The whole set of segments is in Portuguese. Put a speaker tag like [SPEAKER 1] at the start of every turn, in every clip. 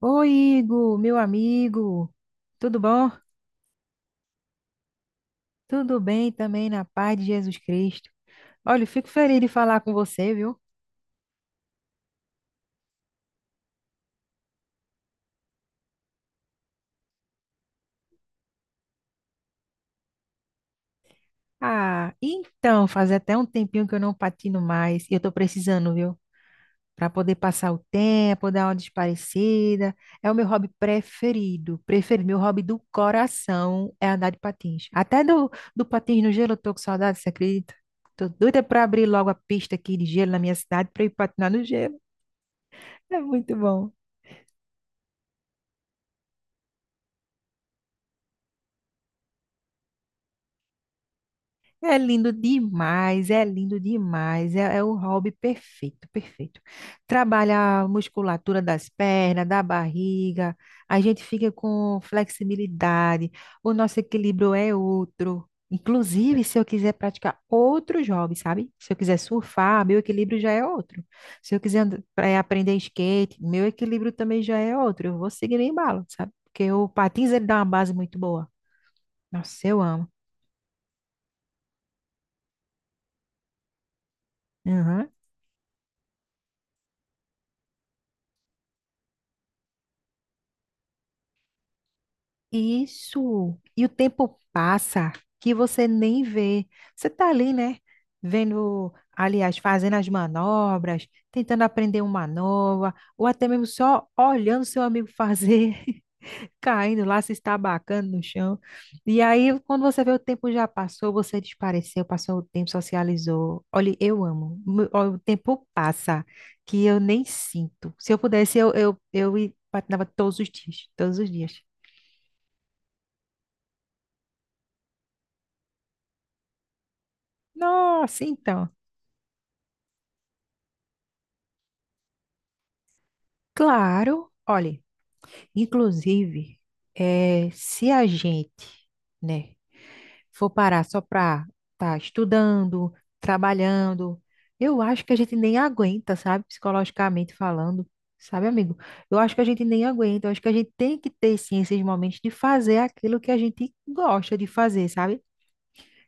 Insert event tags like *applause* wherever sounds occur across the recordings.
[SPEAKER 1] Oi, Igor, meu amigo. Tudo bom? Tudo bem também, na paz de Jesus Cristo. Olha, eu fico feliz de falar com você, viu? Ah, então, faz até um tempinho que eu não patino mais e eu tô precisando, viu? Para poder passar o tempo, dar uma desaparecida. É o meu hobby preferido, preferido. Meu hobby do coração é andar de patins. Até do patins no gelo eu tô com saudade, você acredita? Tô doida para abrir logo a pista aqui de gelo na minha cidade para ir patinar no gelo. É muito bom. É lindo demais, é lindo demais, é o hobby perfeito, perfeito. Trabalha a musculatura das pernas, da barriga, a gente fica com flexibilidade, o nosso equilíbrio é outro. Inclusive, se eu quiser praticar outros hobbies, sabe? Se eu quiser surfar, meu equilíbrio já é outro. Se eu quiser aprender skate, meu equilíbrio também já é outro. Eu vou seguir no embalo, sabe? Porque o patins ele dá uma base muito boa. Nossa, eu amo. Isso. E o tempo passa que você nem vê. Você tá ali, né? Vendo, aliás, fazendo as manobras, tentando aprender uma nova, ou até mesmo só olhando seu amigo fazer, *laughs* caindo lá, se estabacando no chão. E aí, quando você vê, o tempo já passou, você desapareceu, passou o tempo, socializou. Olha, eu amo. Ó, o tempo passa que eu nem sinto. Se eu pudesse, eu patinava todos os dias, todos os dias. Nossa, então, claro, olha, inclusive, se a gente, né, for parar só para estar estudando, trabalhando, eu acho que a gente nem aguenta, sabe, psicologicamente falando, sabe, amigo? Eu acho que a gente nem aguenta, eu acho que a gente tem que ter sim esses momentos de fazer aquilo que a gente gosta de fazer, sabe?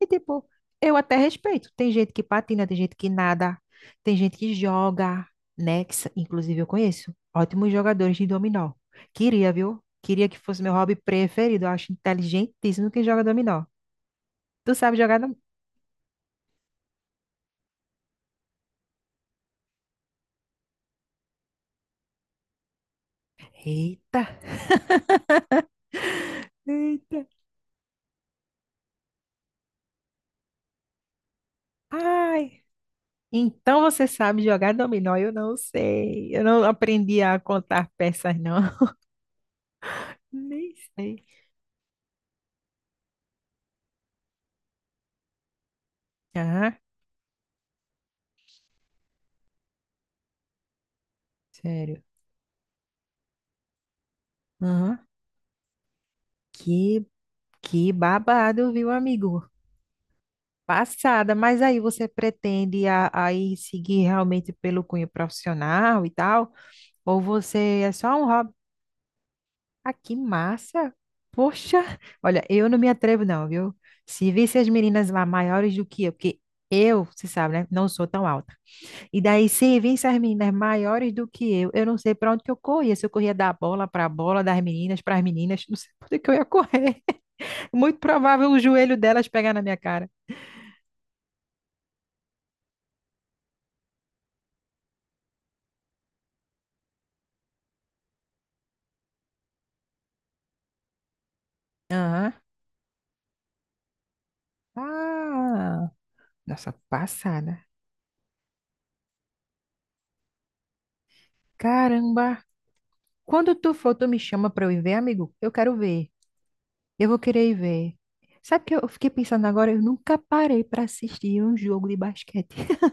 [SPEAKER 1] E tipo, eu até respeito. Tem gente que patina, tem gente que nada, tem gente que joga, né? Inclusive eu conheço ótimos jogadores de dominó. Queria, viu? Queria que fosse meu hobby preferido. Eu acho inteligentíssimo quem joga dominó. Tu sabe jogar dominó? Eita, eita. Ai. Então você sabe jogar dominó? Eu não sei. Eu não aprendi a contar peças, não. *laughs* Nem sei. Ah, sério. Aham. Que, que babado, viu, amigo? Passada, mas aí você pretende a ir seguir realmente pelo cunho profissional e tal? Ou você é só um hobby? Ah, que massa! Poxa, olha, eu não me atrevo, não, viu? Se visse as meninas lá maiores do que eu, porque eu, você sabe, né? Não sou tão alta. E daí, se visse as meninas maiores do que eu não sei para onde que eu corria. Se eu corria da bola para a bola, das meninas para as meninas, não sei *laughs* para onde que eu ia correr. *laughs* Muito provável o joelho delas pegar na minha cara. Aham. Ah. Nossa, passada. Caramba! Quando tu for, tu me chama pra eu ir ver, amigo? Eu quero ver. Eu vou querer ir ver. Sabe o que eu fiquei pensando agora? Eu nunca parei pra assistir um jogo de basquete. *laughs*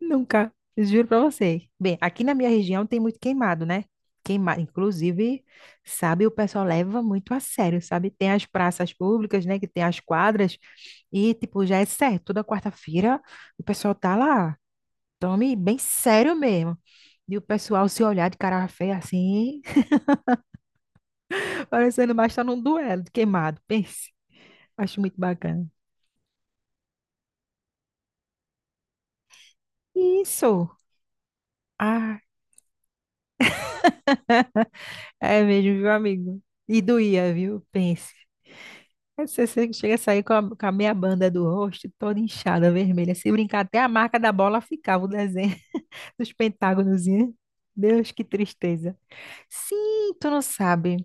[SPEAKER 1] Nunca. Juro pra você. Bem, aqui na minha região tem muito queimado, né? Queimado. Inclusive, sabe, o pessoal leva muito a sério, sabe? Tem as praças públicas, né? Que tem as quadras. E, tipo, já é certo. Toda quarta-feira o pessoal tá lá. Tome bem sério mesmo. E o pessoal se olhar de cara feia assim, *laughs* parecendo mais estar num duelo de queimado. Pense. Acho muito bacana. Isso. Ah, é mesmo, viu, amigo? E doía, viu? Pense. Aí você chega a sair com a meia banda do rosto toda inchada, vermelha. Se brincar, até a marca da bola ficava o desenho *laughs* dos pentágonos. Deus, que tristeza. Sim, tu não sabe.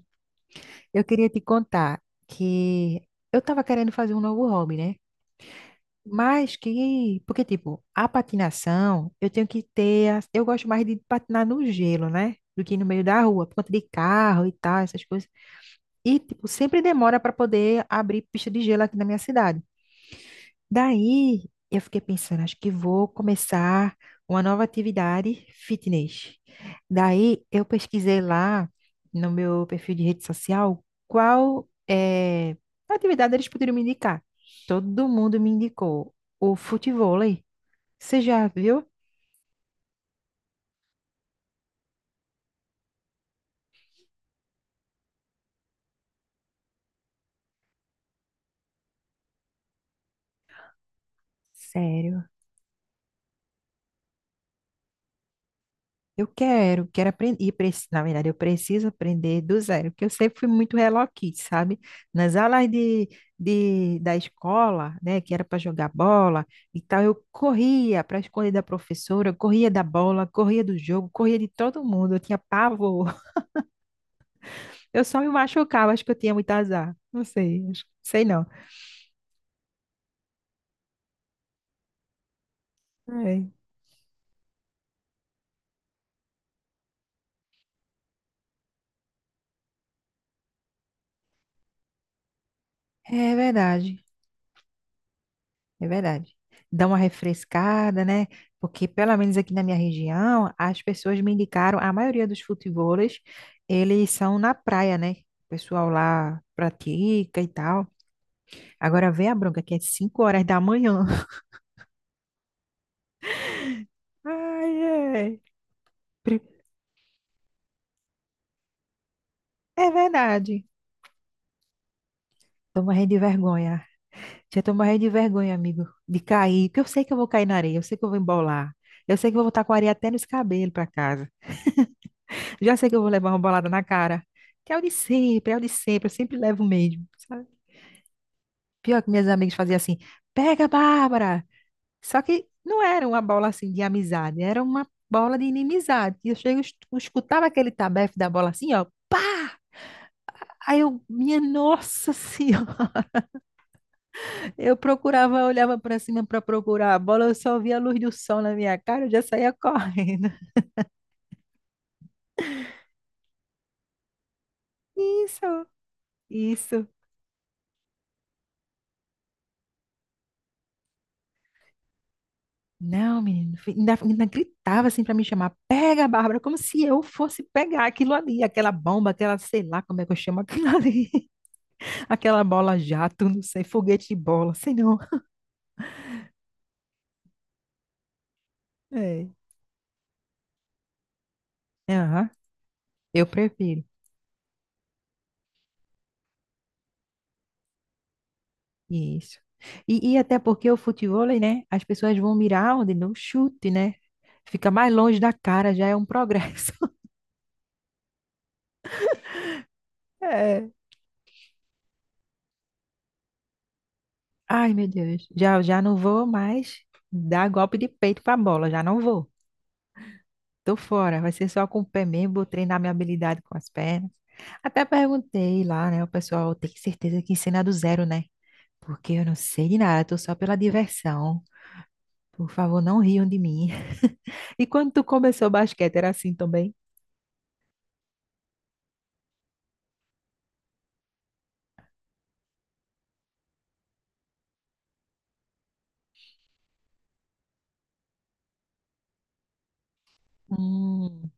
[SPEAKER 1] Eu queria te contar que eu tava querendo fazer um novo hobby, né? Mas que, porque tipo, a patinação, eu tenho que ter, eu gosto mais de patinar no gelo, né? Do que no meio da rua, por conta de carro e tal, essas coisas. E tipo, sempre demora para poder abrir pista de gelo aqui na minha cidade. Daí eu fiquei pensando, acho que vou começar uma nova atividade fitness. Daí eu pesquisei lá no meu perfil de rede social qual atividade eles poderiam me indicar. Todo mundo me indicou o futevôlei. Você já viu? Sério? Eu quero, quero aprender. E, na verdade, eu preciso aprender do zero, porque eu sempre fui muito Hello Kitty, sabe? Nas aulas da escola, né, que era para jogar bola e tal, eu corria para esconder da professora, eu corria da bola, corria do jogo, corria de todo mundo. Eu tinha pavor. *laughs* Eu só me machucava, acho que eu tinha muito azar. Não sei, sei não. É, é verdade. É verdade. Dá uma refrescada, né? Porque, pelo menos aqui na minha região, as pessoas me indicaram, a maioria dos futebolistas, eles são na praia, né? O pessoal lá pratica e tal. Agora vê a bronca, que é 5 horas da manhã. *laughs* Ai, ai. Pri- É verdade. Tô morrendo de vergonha. Já tô morrendo de vergonha, amigo, de cair. Porque eu sei que eu vou cair na areia, eu sei que eu vou embolar. Eu sei que eu vou estar com a areia até nos cabelos pra casa. Já sei que eu vou levar uma bolada na cara. Que é o de sempre, é o de sempre, eu sempre levo mesmo, sabe? Pior que minhas amigas faziam assim, pega, Bárbara! Só que não era uma bola assim de amizade, era uma bola de inimizade. E eu chego, eu escutava aquele tabefe da bola assim, ó. Aí eu, minha nossa senhora, *laughs* eu procurava, olhava pra cima pra procurar a bola, eu só via a luz do sol na minha cara, eu já saía correndo. Isso, isso. Não, menino, ainda, ainda gritava assim para me chamar, pega, Bárbara, como se eu fosse pegar aquilo ali, aquela bomba, aquela, sei lá como é que eu chamo aquilo ali, *laughs* aquela bola jato, não sei, foguete de bola, sei não. É. Aham, eu prefiro. Isso. E até porque o futevôlei, né, as pessoas vão mirar onde? No chute, né? Fica mais longe da cara, já é um progresso. *laughs* É. Ai, meu Deus, já, já não vou mais dar golpe de peito para a bola, já não vou. Tô fora, vai ser só com o pé mesmo, vou treinar minha habilidade com as pernas. Até perguntei lá, né? O pessoal tem certeza que ensina do zero, né? Porque eu não sei de nada, tô só pela diversão. Por favor, não riam de mim. *laughs* E quando tu começou o basquete, era assim também? Hum,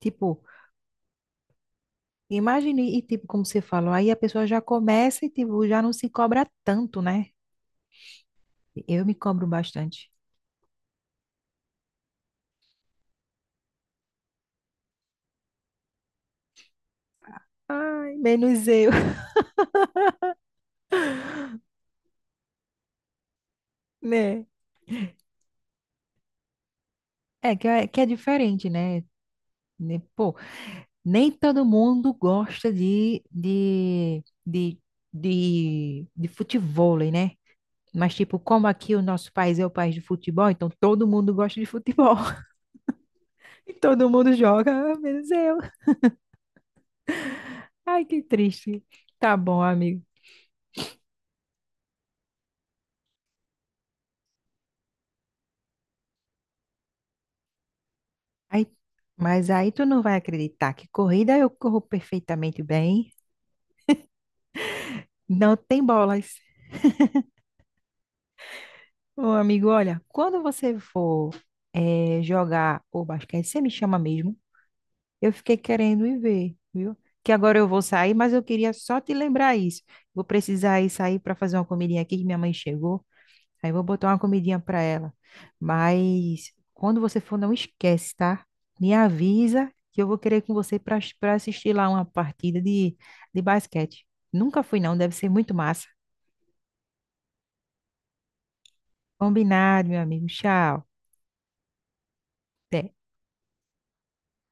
[SPEAKER 1] tipo, imagine, e tipo, como você falou, aí a pessoa já começa e tipo, já não se cobra tanto, né? Eu me cobro bastante. Ai, menos eu, *laughs* né? É que é diferente, né? Né, pô, nem todo mundo gosta de futevôlei, né? Mas, tipo, como aqui o nosso país é o país de futebol, então todo mundo gosta de futebol. *laughs* E todo mundo joga, ah, menos eu. Ai, que triste. Tá bom, amigo. Aí, mas aí tu não vai acreditar que corrida eu corro perfeitamente bem. Não tem bolas. Ô, amigo, olha, quando você for jogar o basquete, você me chama mesmo. Eu fiquei querendo ir ver, viu? Que agora eu vou sair, mas eu queria só te lembrar isso. Vou precisar ir sair para fazer uma comidinha aqui, que minha mãe chegou. Aí eu vou botar uma comidinha para ela. Mas quando você for, não esquece, tá? Me avisa que eu vou querer ir com você para assistir lá uma partida de basquete. Nunca fui, não. Deve ser muito massa. Combinado, meu amigo. Tchau. Até.